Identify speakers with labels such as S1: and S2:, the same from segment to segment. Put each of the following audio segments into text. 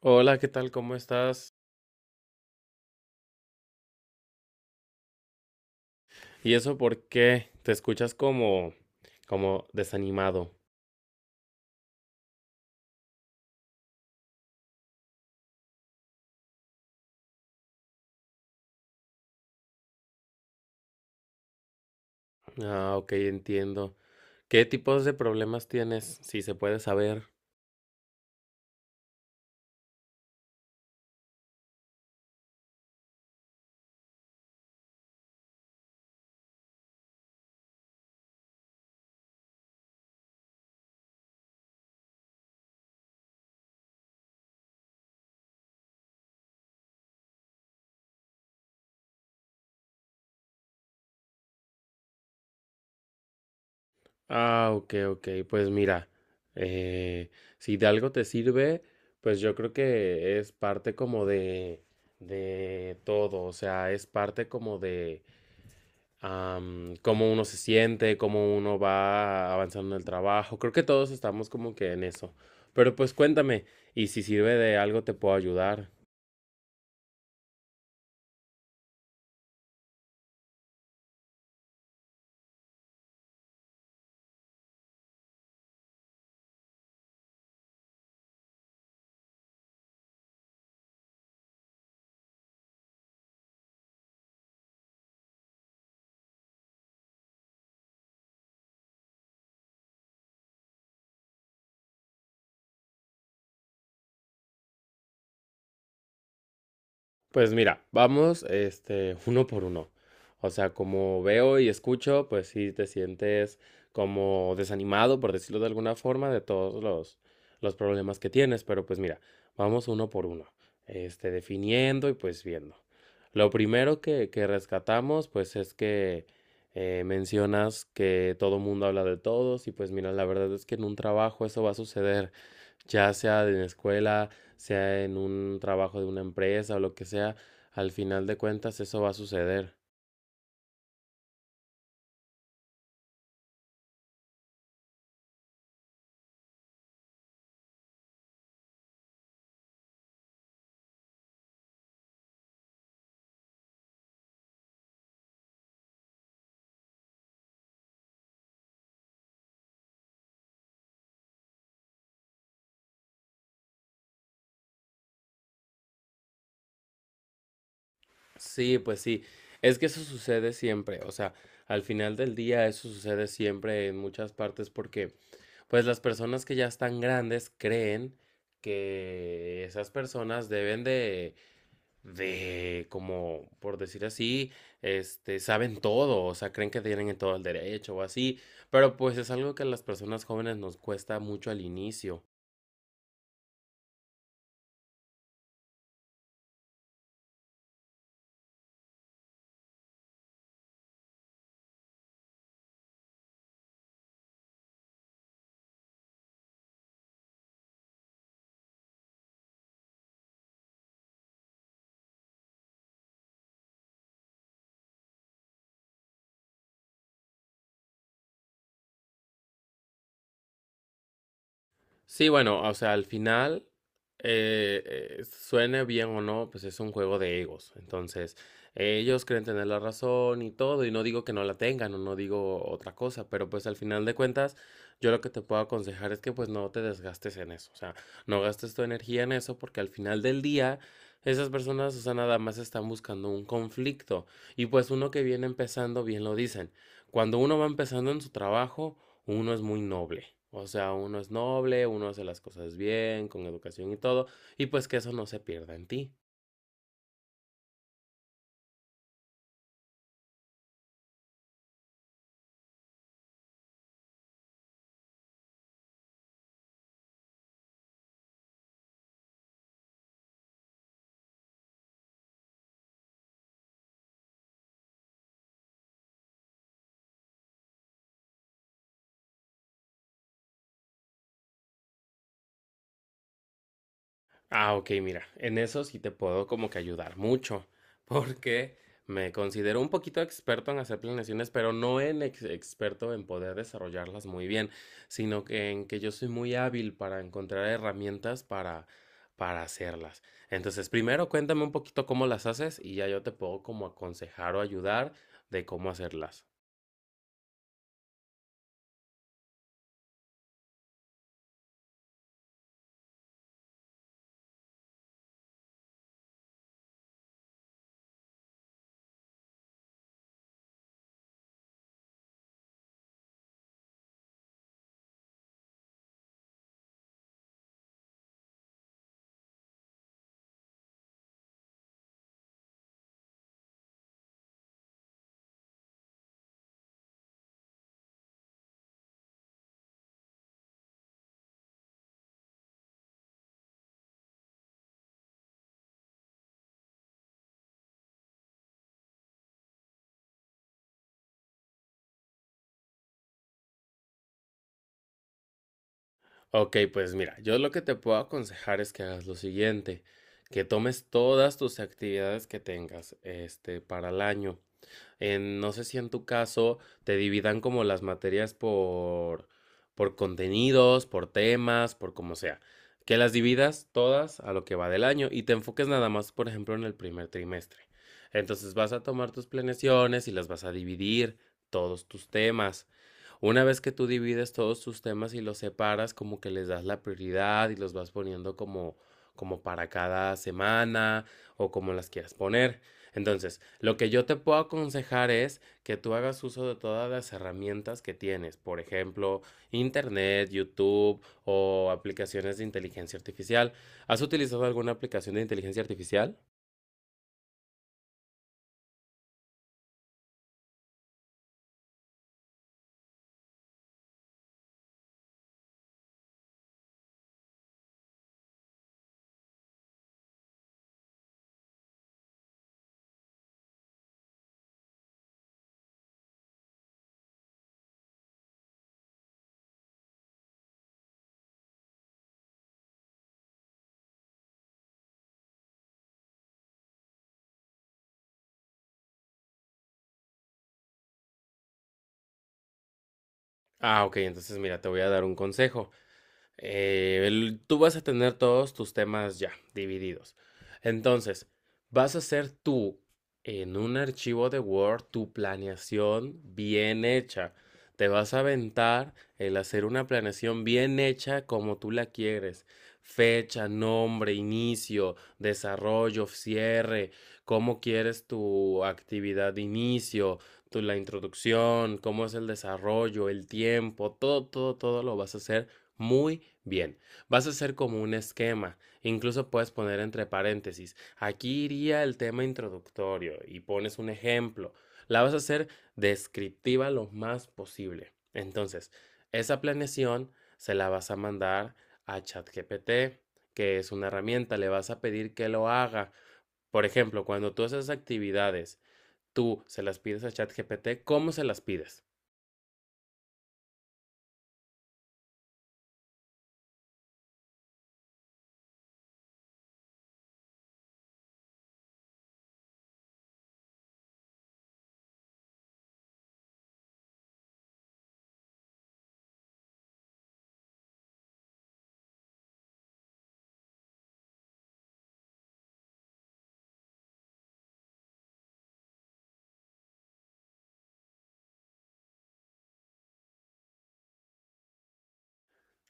S1: Hola, ¿qué tal? ¿Cómo estás? ¿Y eso por qué? Te escuchas como, como desanimado. Ah, ok, entiendo. ¿Qué tipos de problemas tienes? Si se puede saber. Ah, ok, ok. Pues mira, eh, si de algo te sirve, pues yo creo que es parte como de todo. O sea, es parte como de, cómo uno se siente, cómo uno va avanzando en el trabajo. Creo que todos estamos como que en eso. Pero pues cuéntame, y si sirve de algo te puedo ayudar. Pues mira, vamos este uno por uno. O sea, como veo y escucho, pues sí te sientes como desanimado, por decirlo de alguna forma, de todos los problemas que tienes. Pero pues mira, vamos uno por uno, este, definiendo y pues viendo. Lo primero que rescatamos, pues es que mencionas que todo mundo habla de todos y pues mira, la verdad es que en un trabajo eso va a suceder ya sea en la escuela, sea en un trabajo de una empresa o lo que sea, al final de cuentas eso va a suceder. Sí, pues sí, es que eso sucede siempre, o sea, al final del día eso sucede siempre en muchas partes porque pues las personas que ya están grandes creen que esas personas deben de como por decir así, este saben todo, o sea, creen que tienen todo el derecho o así, pero pues es algo que a las personas jóvenes nos cuesta mucho al inicio. Sí, bueno, o sea, al final, suene bien o no, pues es un juego de egos. Entonces, ellos creen tener la razón y todo, y no digo que no la tengan o no digo otra cosa, pero pues al final de cuentas, yo lo que te puedo aconsejar es que pues no te desgastes en eso, o sea, no gastes tu energía en eso porque al final del día. Esas personas, o sea, nada más están buscando un conflicto. Y pues uno que viene empezando, bien lo dicen. Cuando uno va empezando en su trabajo, uno es muy noble. O sea, uno es noble, uno hace las cosas bien, con educación y todo, y pues que eso no se pierda en ti. Ah, ok, mira, en eso sí te puedo como que ayudar mucho, porque me considero un poquito experto en hacer planeaciones, pero no en experto en poder desarrollarlas muy bien, sino que en que yo soy muy hábil para encontrar herramientas para hacerlas. Entonces, primero cuéntame un poquito cómo las haces y ya yo te puedo como aconsejar o ayudar de cómo hacerlas. Ok, pues mira, yo lo que te puedo aconsejar es que hagas lo siguiente, que tomes todas tus actividades que tengas, este, para el año en, no sé si en tu caso te dividan como las materias por contenidos, por temas, por como sea. Que las dividas todas a lo que va del año y te enfoques nada más, por ejemplo, en el primer trimestre. Entonces vas a tomar tus planeaciones y las vas a dividir, todos tus temas. Una vez que tú divides todos tus temas y los separas, como que les das la prioridad y los vas poniendo como, como para cada semana o como las quieras poner. Entonces, lo que yo te puedo aconsejar es que tú hagas uso de todas las herramientas que tienes, por ejemplo, Internet, YouTube o aplicaciones de inteligencia artificial. ¿Has utilizado alguna aplicación de inteligencia artificial? Ah, ok, entonces mira, te voy a dar un consejo. Tú vas a tener todos tus temas ya divididos. Entonces, vas a hacer tú en un archivo de Word tu planeación bien hecha. Te vas a aventar el hacer una planeación bien hecha como tú la quieres. Fecha, nombre, inicio, desarrollo, cierre, cómo quieres tu actividad de inicio, tu, la introducción, cómo es el desarrollo, el tiempo, todo, todo, todo lo vas a hacer muy bien. Vas a hacer como un esquema. Incluso puedes poner entre paréntesis. Aquí iría el tema introductorio y pones un ejemplo. La vas a hacer descriptiva lo más posible. Entonces, esa planeación se la vas a mandar a ChatGPT, que es una herramienta. Le vas a pedir que lo haga. Por ejemplo, cuando tú haces actividades, tú se las pides a ChatGPT, ¿cómo se las pides?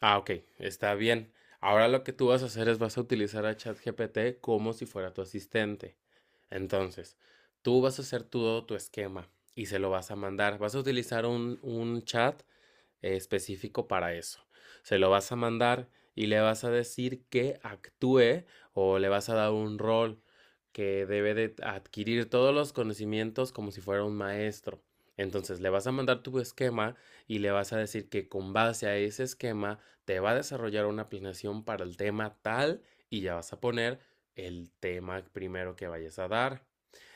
S1: Ah, ok, está bien. Ahora lo que tú vas a hacer es vas a utilizar a ChatGPT como si fuera tu asistente. Entonces, tú vas a hacer todo tu esquema y se lo vas a mandar. Vas a utilizar un chat específico para eso. Se lo vas a mandar y le vas a decir que actúe o le vas a dar un rol que debe de adquirir todos los conocimientos como si fuera un maestro. Entonces le vas a mandar tu esquema y le vas a decir que con base a ese esquema te va a desarrollar una planeación para el tema tal y ya vas a poner el tema primero que vayas a dar.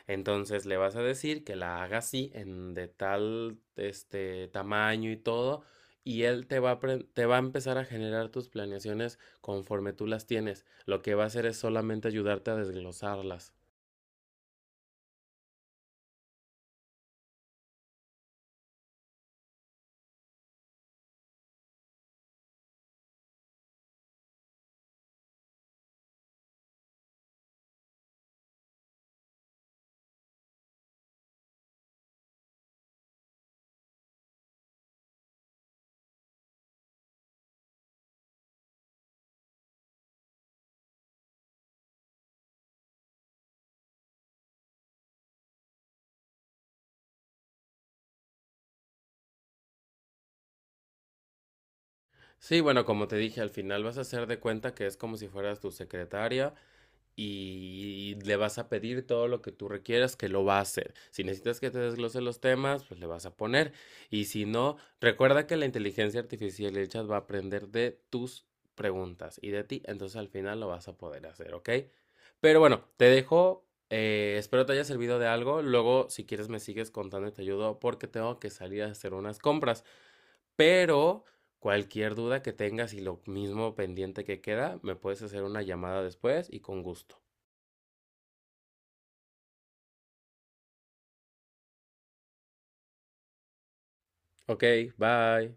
S1: Entonces le vas a decir que la haga así en de tal este tamaño y todo y él te va a, te va a empezar a generar tus planeaciones conforme tú las tienes. Lo que va a hacer es solamente ayudarte a desglosarlas. Sí, bueno, como te dije, al final vas a hacer de cuenta que es como si fueras tu secretaria y le vas a pedir todo lo que tú requieras que lo va a hacer. Si necesitas que te desglose los temas, pues le vas a poner. Y si no, recuerda que la inteligencia artificial y el chat va a aprender de tus preguntas y de ti, entonces al final lo vas a poder hacer, ¿ok? Pero bueno, te dejo. Espero te haya servido de algo. Luego, si quieres, me sigues contando y te ayudo porque tengo que salir a hacer unas compras. Pero cualquier duda que tengas y lo mismo pendiente que queda, me puedes hacer una llamada después y con gusto. Ok, bye.